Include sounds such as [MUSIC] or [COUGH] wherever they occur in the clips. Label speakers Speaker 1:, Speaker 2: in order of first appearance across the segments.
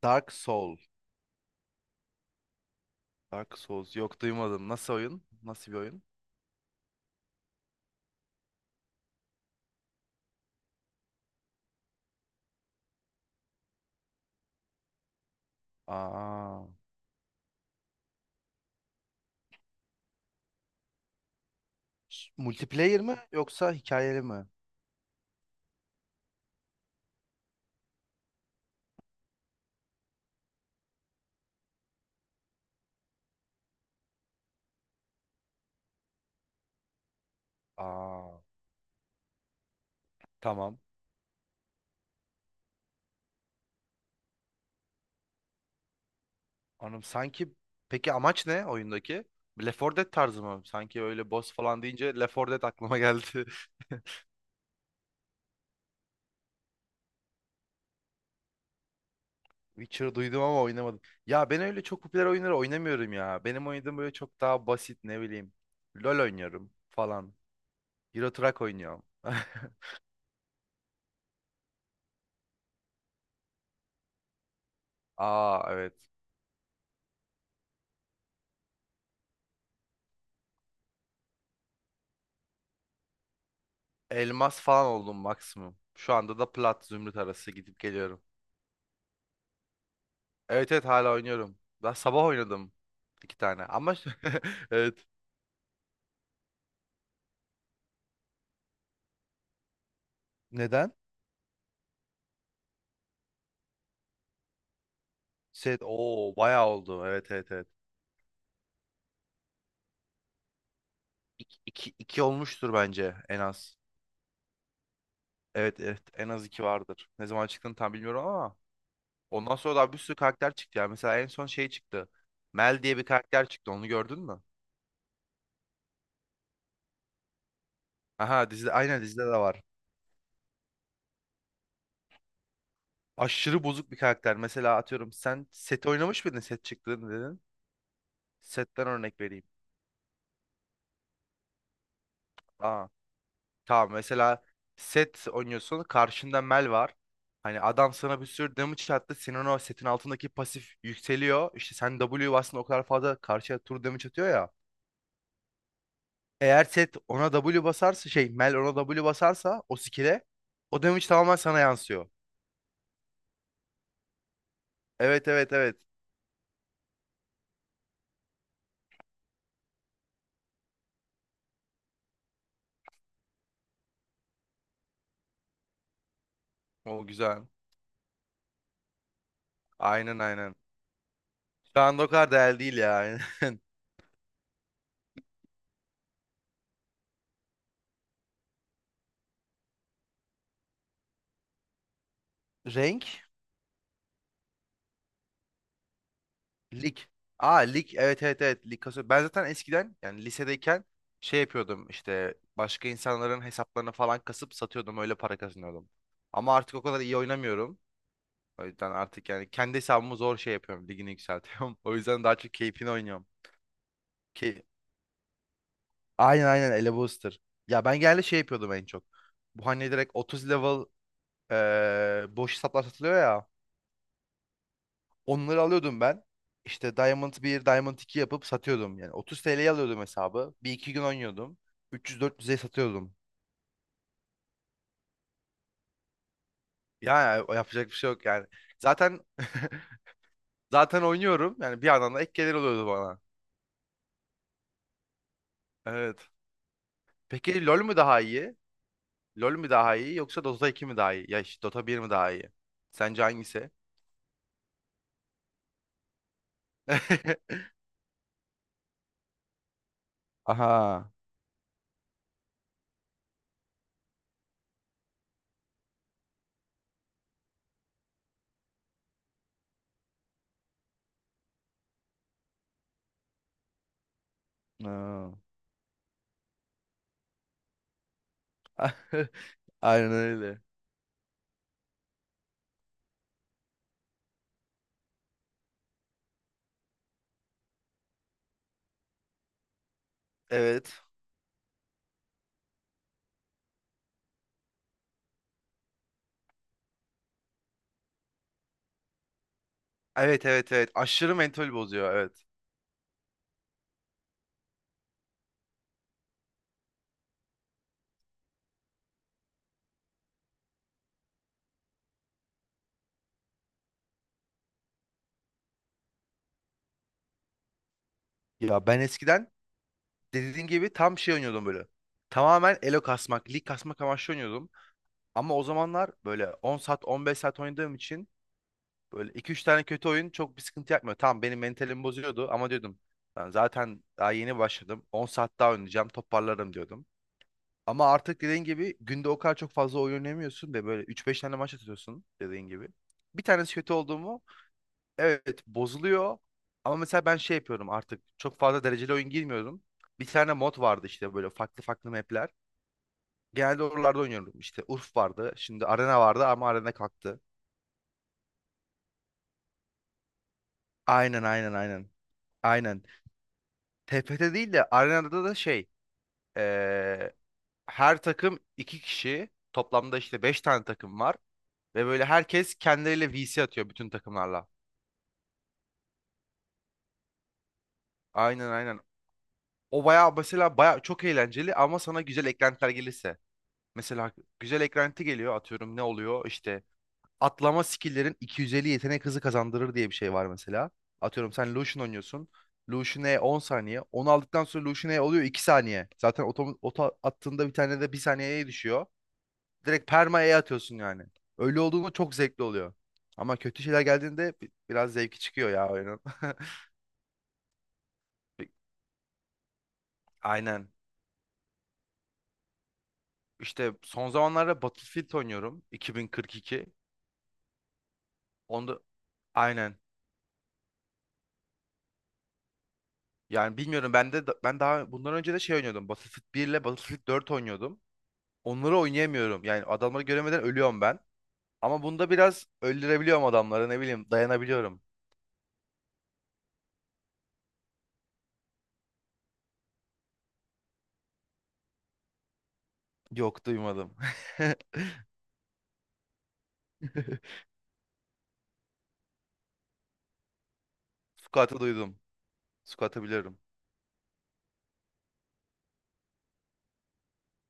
Speaker 1: Dark Soul. Dark Souls. Yok, duymadım. Nasıl oyun? Nasıl bir oyun? Aa. Multiplayer mi yoksa hikayeli mi? Aa. Tamam. Anladım. Peki amaç ne oyundaki? Left 4 Dead tarzı mı? Sanki öyle boss falan deyince Left 4 Dead aklıma geldi. [LAUGHS] Witcher duydum ama oynamadım. Ya ben öyle çok popüler oyunları oynamıyorum ya. Benim oynadığım böyle çok daha basit, ne bileyim. LoL oynuyorum falan. Euro Truck oynuyorum. [LAUGHS] Aa, evet. Elmas falan oldum maksimum. Şu anda da plat zümrüt arası gidip geliyorum. Evet, evet, hala oynuyorum. Daha sabah oynadım iki tane. Ama [LAUGHS] evet. Neden? Set o bayağı oldu. Evet, evet, evet. İki, iki, iki olmuştur bence en az. Evet, evet, en az iki vardır. Ne zaman çıktığını tam bilmiyorum ama ondan sonra da bir sürü karakter çıktı ya. Mesela en son şey çıktı. Mel diye bir karakter çıktı. Onu gördün mü? Aha, dizide, aynen, dizide de var. Aşırı bozuk bir karakter. Mesela atıyorum, sen set oynamış mıydın, set çıktı dedin. Setten örnek vereyim. Aa, tamam, mesela set oynuyorsun. Karşında Mel var. Hani adam sana bir sürü damage attı. Senin o setin altındaki pasif yükseliyor. İşte sen W bastın, o kadar fazla karşıya tur damage atıyor ya. Eğer set ona W basarsa, şey, Mel ona W basarsa o skill'e o damage tamamen sana yansıyor. Evet, evet, evet. O güzel. Aynen, aynen. Şu anda o kadar değerli değil ya. [LAUGHS] Aynen. Renk Lig. Aa, lig, evet, evet, evet, lig kasıyor. Ben zaten eskiden, yani lisedeyken, şey yapıyordum işte başka insanların hesaplarını falan kasıp satıyordum, öyle para kazanıyordum. Ama artık o kadar iyi oynamıyorum. O yüzden artık, yani, kendi hesabımı zor şey yapıyorum, ligini yükseltiyorum. [LAUGHS] O yüzden daha çok keyfini oynuyorum. Ki aynen, aynen, Ele Booster. Ya ben genelde şey yapıyordum en çok. Bu hani direkt 30 level boş hesaplar satılıyor ya. Onları alıyordum ben. İşte Diamond bir Diamond 2 yapıp satıyordum. Yani 30 TL'ye alıyordum hesabı. Bir iki gün oynuyordum. 300-400'e satıyordum. Yani yapacak bir şey yok yani. Zaten [LAUGHS] zaten oynuyorum. Yani bir yandan da ek gelir oluyordu bana. Evet. Peki LoL mü daha iyi? LoL mü daha iyi yoksa Dota 2 mi daha iyi? Ya işte Dota 1 mi daha iyi? Sence hangisi? [LAUGHS] Aha. Ha. [LAUGHS] Aynen öyle. Evet. Evet, evet, evet. Aşırı mentol bozuyor, evet. Ya ben eskiden, dediğin gibi, tam şey oynuyordum böyle. Tamamen elo kasmak, lig kasmak amaçlı oynuyordum. Ama o zamanlar böyle 10 saat, 15 saat oynadığım için böyle iki üç tane kötü oyun çok bir sıkıntı yapmıyor. Tamam, benim mentalimi bozuyordu ama diyordum ben zaten daha yeni başladım. 10 saat daha oynayacağım, toparlarım diyordum. Ama artık dediğin gibi günde o kadar çok fazla oyun oynamıyorsun ve böyle üç beş tane maç atıyorsun dediğin gibi. Bir tanesi kötü oldu mu, evet, bozuluyor. Ama mesela ben şey yapıyorum artık, çok fazla dereceli oyun girmiyorum. Bir tane mod vardı işte, böyle farklı farklı map'ler. Genelde oralarda oynuyorum. İşte Urf vardı. Şimdi Arena vardı ama Arena kalktı. Aynen, aynen, aynen. Aynen. TFT değil de Arena'da da şey. eee, Her takım iki kişi. Toplamda işte beş tane takım var. Ve böyle herkes kendileriyle VC atıyor bütün takımlarla. Aynen, aynen. O bayağı, mesela, bayağı çok eğlenceli ama sana güzel eklentiler gelirse. Mesela güzel eklenti geliyor atıyorum, ne oluyor işte, atlama skill'lerin 250 yetenek hızı kazandırır diye bir şey var mesela. Atıyorum sen Lucian oynuyorsun. Lucian E 10 saniye. Onu aldıktan sonra Lucian E oluyor 2 saniye. Zaten oto attığında bir tane de 1 saniyeye düşüyor. Direkt perma E atıyorsun yani. Öyle olduğunda çok zevkli oluyor. Ama kötü şeyler geldiğinde biraz zevki çıkıyor ya oyunun. [LAUGHS] Bi- Aynen. İşte son zamanlarda Battlefield oynuyorum. 2042. Onda aynen. Yani bilmiyorum ben de ben daha bundan önce de şey oynuyordum. Battlefield 1 ile Battlefield 4 oynuyordum. Onları oynayamıyorum. Yani adamları göremeden ölüyorum ben. Ama bunda biraz öldürebiliyorum adamları, ne bileyim, dayanabiliyorum. Yok, duymadım. [LAUGHS] Squat'ı duydum. Squat'ı biliyorum.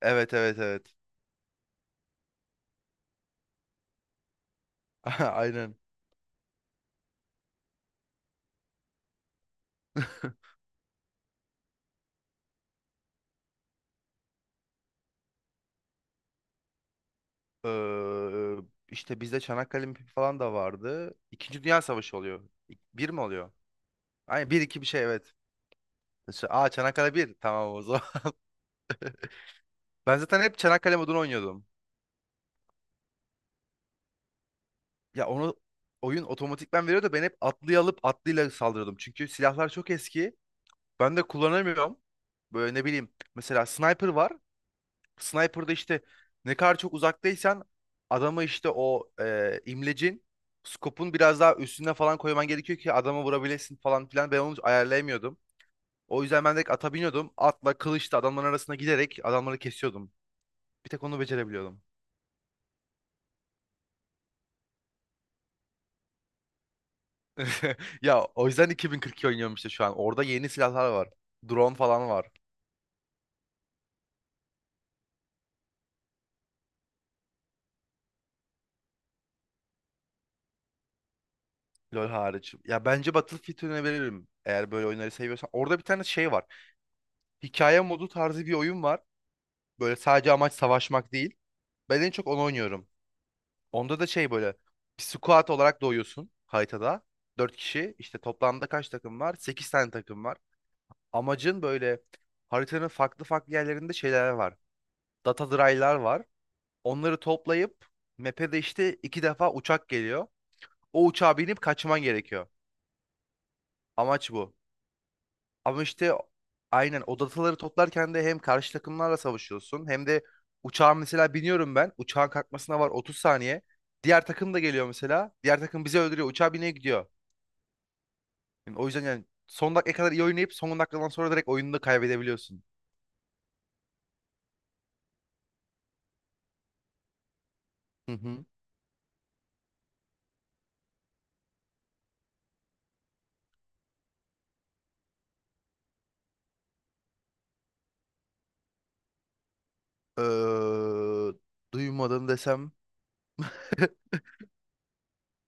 Speaker 1: Evet, evet, evet. [LAUGHS] Aynen. Ee, işte bizde Çanakkale mipi falan da vardı. İkinci Dünya Savaşı oluyor. Bir mi oluyor? Aynen, bir iki, bir şey, evet. Aa, Çanakkale bir. Tamam o zaman. [LAUGHS] Ben zaten hep Çanakkale modunu oynuyordum. Ya onu oyun otomatikman veriyor da ben hep atlıyı alıp atlıyla saldırıyordum. Çünkü silahlar çok eski. Ben de kullanamıyorum. Böyle ne bileyim. Mesela sniper var. Sniper'da işte ne kadar çok uzaktaysan adamı işte o imlecin, skopun biraz daha üstüne falan koyman gerekiyor ki adamı vurabilesin falan filan. Ben onu ayarlayamıyordum. O yüzden ben direkt ata biniyordum. Atla, kılıçla adamların arasına giderek adamları kesiyordum. Bir tek onu becerebiliyordum. [LAUGHS] Ya o yüzden 2042 oynuyorum işte şu an. Orada yeni silahlar var. Drone falan var. LoL hariç. Ya bence Battlefield önerebilirim. Eğer böyle oyunları seviyorsan, orada bir tane şey var. Hikaye modu tarzı bir oyun var. Böyle sadece amaç savaşmak değil. Ben en çok onu oynuyorum. Onda da şey, böyle bir squad olarak doğuyorsun haritada. 4 kişi. İşte toplamda kaç takım var? 8 tane takım var. Amacın böyle, haritanın farklı farklı yerlerinde şeyler var. Data dry'lar var. Onları toplayıp map'e de işte iki defa uçak geliyor. O uçağa binip kaçman gerekiyor. Amaç bu. Ama işte aynen, o dataları toplarken de hem karşı takımlarla savaşıyorsun hem de uçağa, mesela, biniyorum ben. Uçağın kalkmasına var 30 saniye. Diğer takım da geliyor mesela. Diğer takım bizi öldürüyor. Uçağa bineye gidiyor. Yani o yüzden, yani son dakikaya kadar iyi oynayıp son dakikadan sonra direkt oyunu da kaybedebiliyorsun. Hı hı. Duymadım desem...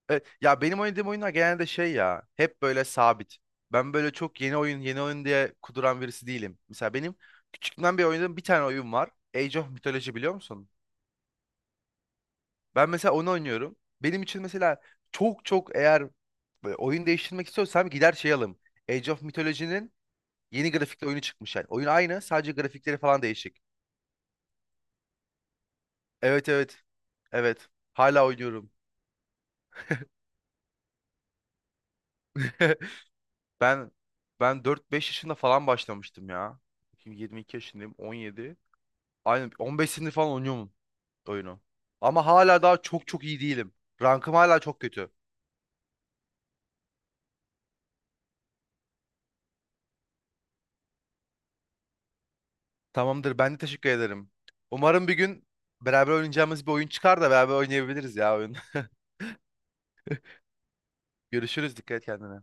Speaker 1: Evet, ya benim oynadığım oyunlar genelde şey, ya, hep böyle sabit. Ben böyle çok yeni oyun yeni oyun diye kuduran birisi değilim. Mesela benim küçüklüğümden beri oynadığım bir tane oyun var. Age of Mythology biliyor musun? Ben mesela onu oynuyorum. Benim için mesela çok çok, eğer böyle oyun değiştirmek istiyorsam gider şey alım. Age of Mythology'nin yeni grafikli oyunu çıkmış yani. Oyun aynı, sadece grafikleri falan değişik. Evet, evet, evet, hala oynuyorum. [LAUGHS] Ben ben dört beş yaşında falan başlamıştım ya. Şimdi 22 yaşındayım, 17. Aynen, 15 senedir falan oynuyorum oyunu. Ama hala daha çok çok iyi değilim. Rankım hala çok kötü. Tamamdır, ben de teşekkür ederim. Umarım bir gün beraber oynayacağımız bir oyun çıkar da beraber oynayabiliriz ya oyun. [LAUGHS] Görüşürüz, dikkat et kendine.